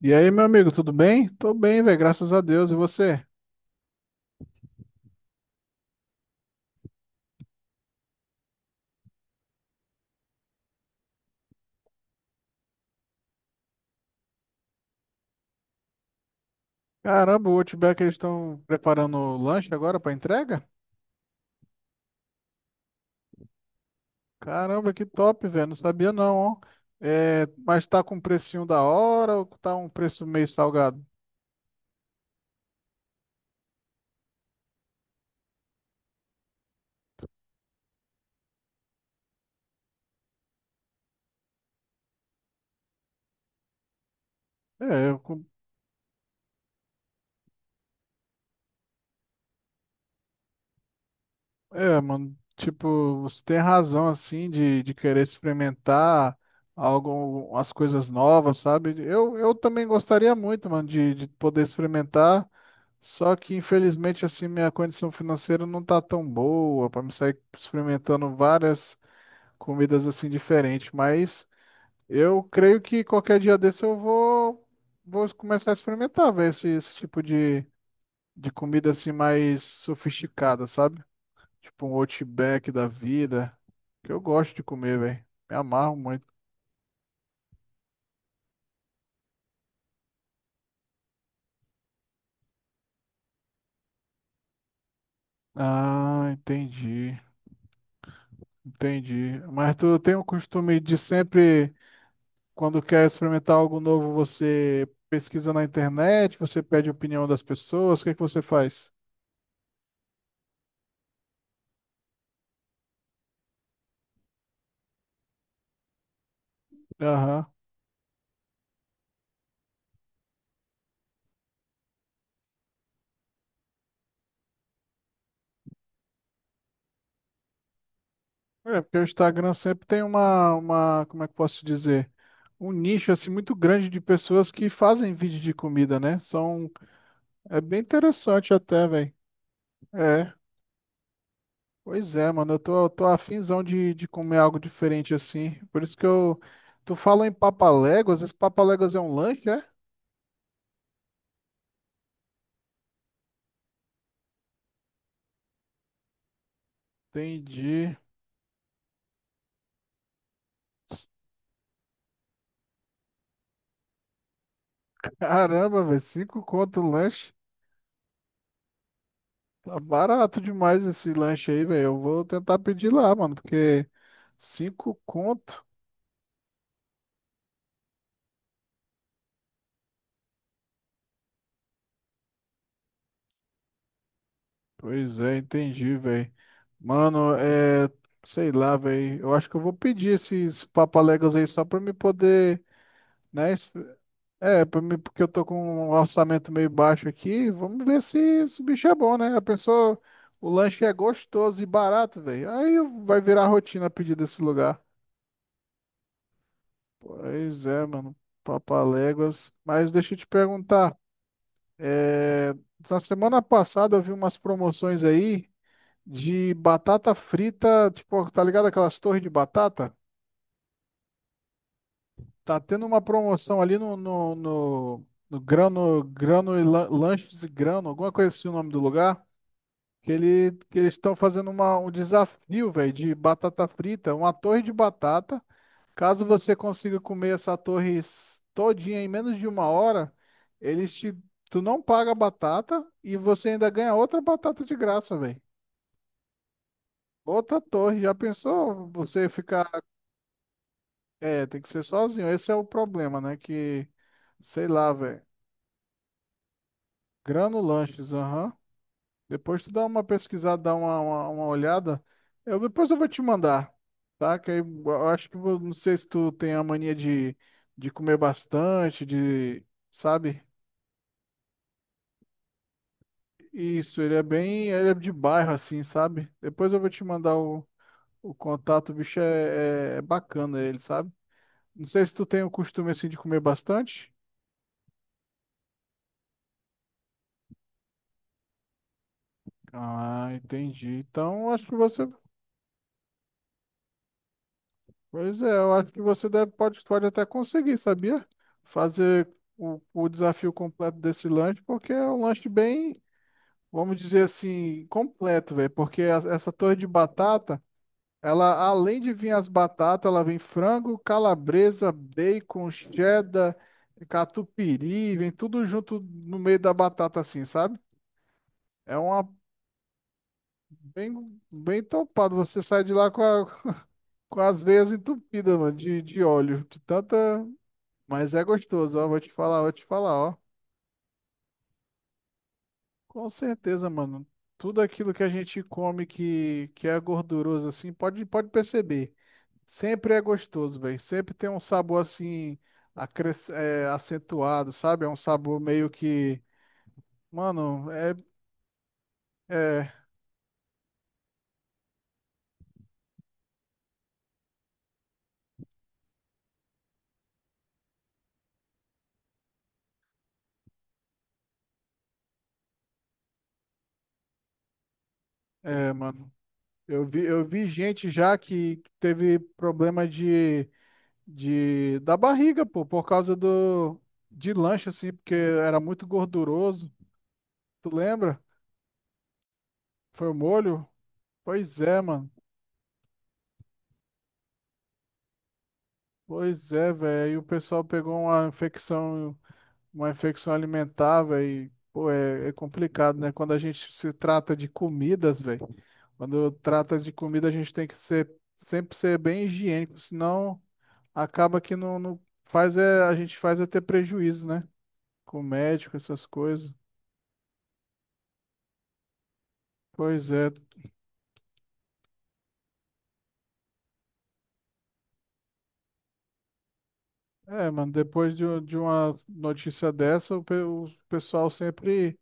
E aí, meu amigo, tudo bem? Tô bem, velho, graças a Deus. E você? Caramba, o Outback, eles estão preparando o lanche agora pra entrega? Caramba, que top, velho. Não sabia não, ó. É, mas tá com um precinho da hora ou tá um preço meio salgado? É, eu com- Mano, tipo, você tem razão, assim, de querer experimentar algo, as coisas novas, sabe? Eu também gostaria muito, mano, de poder experimentar, só que, infelizmente, assim, minha condição financeira não tá tão boa pra me sair experimentando várias comidas, assim, diferentes, mas eu creio que qualquer dia desse vou começar a experimentar, ver esse tipo de comida, assim, mais sofisticada, sabe? Tipo um Outback da vida. Que eu gosto de comer, velho. Me amarro muito. Ah, entendi. Entendi. Mas tu tem o costume de sempre, quando quer experimentar algo novo, você pesquisa na internet, você pede opinião das pessoas, o que é que você faz? Aham. É, porque o Instagram sempre tem uma, como é que eu posso dizer? Um nicho assim muito grande de pessoas que fazem vídeo de comida, né? São, é bem interessante até, velho. É. Pois é, mano, eu tô afinzão de comer algo diferente assim. Por isso que eu. Tu fala em papaléguas, esse papaléguas é um lanche, é? Entendi. Caramba, velho, cinco conto o lanche. Tá barato demais esse lanche aí, velho. Eu vou tentar pedir lá, mano, porque cinco conto. Pois é, entendi, velho. Mano, é. Sei lá, velho. Eu acho que eu vou pedir esses papaléguas aí só pra me poder, né? É, pra mim, porque eu tô com um orçamento meio baixo aqui. Vamos ver se esse bicho é bom, né? A pessoa, o lanche é gostoso e barato, velho. Aí vai virar rotina pedir desse lugar. Pois é, mano. Papaléguas. Mas deixa eu te perguntar. é, Na semana passada eu vi umas promoções aí de batata frita. Tipo, tá ligado aquelas torres de batata? Tá tendo uma promoção ali no Grano, Lanches e Grano, alguma coisa assim o nome do lugar. Que, ele, que eles estão fazendo uma, um desafio, velho, de batata frita, uma torre de batata. Caso você consiga comer todinha em menos de uma hora, eles te, tu não paga a batata e você ainda ganha outra batata de graça, velho. Outra torre. Já pensou você ficar. É, tem que ser sozinho. Esse é o problema, né? Que, sei lá, velho. Grano Lanches, aham. Depois tu dá uma pesquisada, dá uma olhada. Eu, depois eu vou te mandar, tá? Que aí eu acho que não sei se tu tem a mania de comer bastante, de, sabe? Isso, ele é bem, ele é de bairro assim, sabe? Depois eu vou te mandar o contato, o bicho é bacana ele, sabe? Não sei se tu tem o costume assim de comer bastante. Ah, entendi. Então acho que você. Pois é, eu acho que você deve, pode até conseguir, sabia? Fazer o desafio completo desse lanche, porque é um lanche bem, vamos dizer assim, completo, velho. Porque essa torre de batata, ela, além de vir as batatas, ela vem frango, calabresa, bacon, cheddar, catupiry, vem tudo junto no meio da batata, assim, sabe? É uma bem, bem topado. Você sai de lá com, com as veias entupidas, mano, de óleo, de tanta. Mas é gostoso, ó. Vou te falar, ó. Com certeza, mano. Tudo aquilo que a gente come que é gorduroso, assim, pode perceber. Sempre é gostoso, velho. Sempre tem um sabor, assim, acentuado, sabe? É um sabor meio que. Mano, é. É, é, mano. Eu vi gente já que teve problema de, de. Da barriga, pô, por causa do. De lanche, assim, porque era muito gorduroso. Tu lembra? Foi o molho? Pois é, mano. Pois é, velho. Aí o pessoal pegou uma infecção alimentar, velho. Pô, é, é complicado, né? Quando a gente se trata de comidas, velho. Quando trata de comida, a gente tem que ser sempre ser bem higiênico, senão acaba que não, não faz é, a gente faz é ter prejuízo, né? Com médico, essas coisas. Pois é. É, mano, depois de, de uma notícia dessa, o pessoal sempre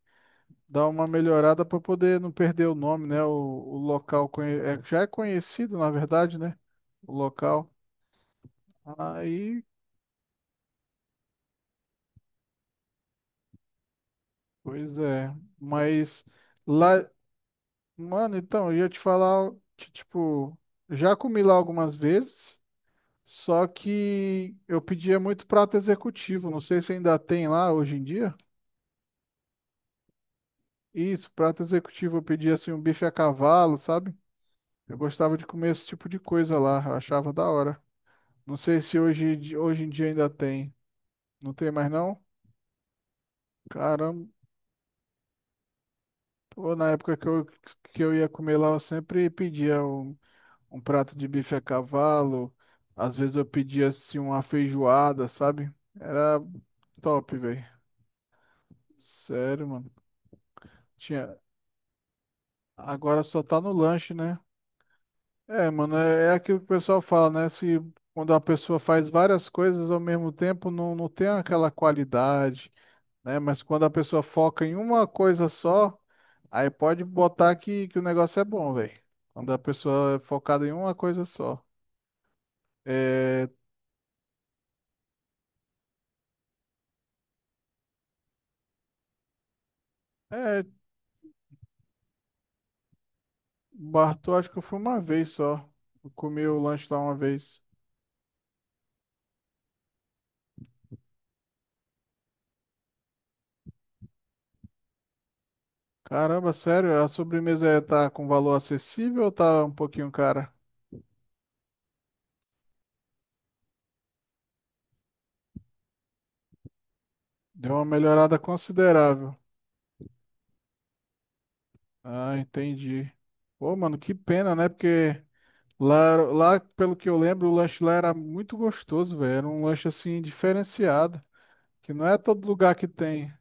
dar uma melhorada para poder não perder o nome, né? O local já é conhecido, na verdade, né? O local. Aí, pois é. Mas lá, mano, então, eu ia te falar que, tipo, já comi lá algumas vezes, só que eu pedia muito prato executivo. Não sei se ainda tem lá hoje em dia. Isso, prato executivo, eu pedia assim um bife a cavalo, sabe? Eu gostava de comer esse tipo de coisa lá, eu achava da hora. Não sei se hoje em dia ainda tem. Não tem mais não? Caramba, pô, na época que eu ia comer lá, eu sempre pedia um prato de bife a cavalo. Às vezes eu pedia assim uma feijoada, sabe? Era top, velho. Sério, mano. Tinha... Agora só tá no lanche, né? É, mano, é, é aquilo que o pessoal fala, né? Se quando a pessoa faz várias coisas ao mesmo tempo, não, não tem aquela qualidade, né? Mas quando a pessoa foca em uma coisa só, aí pode botar que o negócio é bom, velho. Quando a pessoa é focada em uma coisa só. É, é, Bartô, acho que eu fui uma vez só. Eu comi o lanche lá uma vez. Caramba, sério, a sobremesa tá com valor acessível ou tá um pouquinho cara? Deu uma melhorada considerável. Ah, entendi. Pô, mano, que pena, né? Porque lá, pelo que eu lembro, o lanche lá era muito gostoso, velho. Era um lanche assim diferenciado. Que não é todo lugar que tem.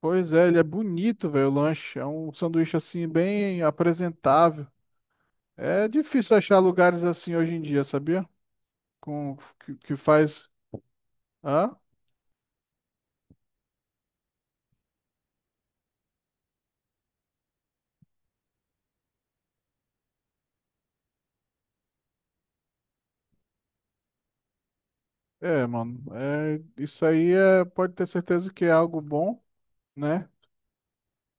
Pois é, ele é bonito, velho, o lanche. É um sanduíche assim, bem apresentável. É difícil achar lugares assim hoje em dia, sabia? Com, que faz. Ah, é, mano. É, isso aí é, pode ter certeza que é algo bom, né?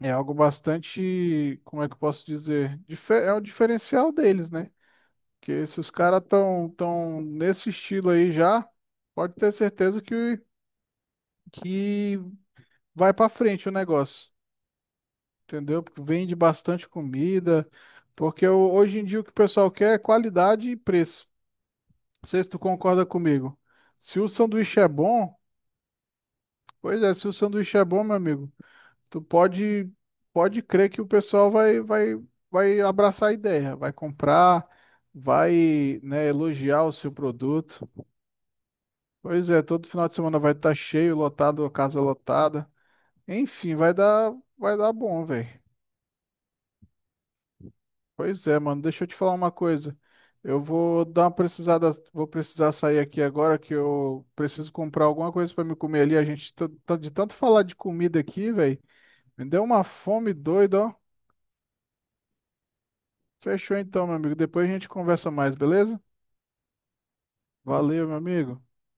É algo bastante, como é que eu posso dizer? É o diferencial deles, né? Que se os caras estão tão nesse estilo aí já, pode ter certeza que vai pra frente o negócio. Entendeu? Porque vende bastante comida, porque hoje em dia o que o pessoal quer é qualidade e preço. Não sei se tu concorda comigo. Se o sanduíche é bom, pois é, se o sanduíche é bom, meu amigo, tu pode pode crer que o pessoal vai vai abraçar a ideia, vai comprar, vai, né, elogiar o seu produto. Pois é, todo final de semana vai estar cheio, lotado, a casa lotada. Enfim, vai dar bom, velho. Pois é, mano, deixa eu te falar uma coisa. Eu vou dar uma precisada, vou precisar sair aqui agora que eu preciso comprar alguma coisa pra me comer ali. A gente de tanto falar de comida aqui, velho, me deu uma fome doida, ó. Fechou então, meu amigo. Depois a gente conversa mais, beleza? Valeu, meu amigo.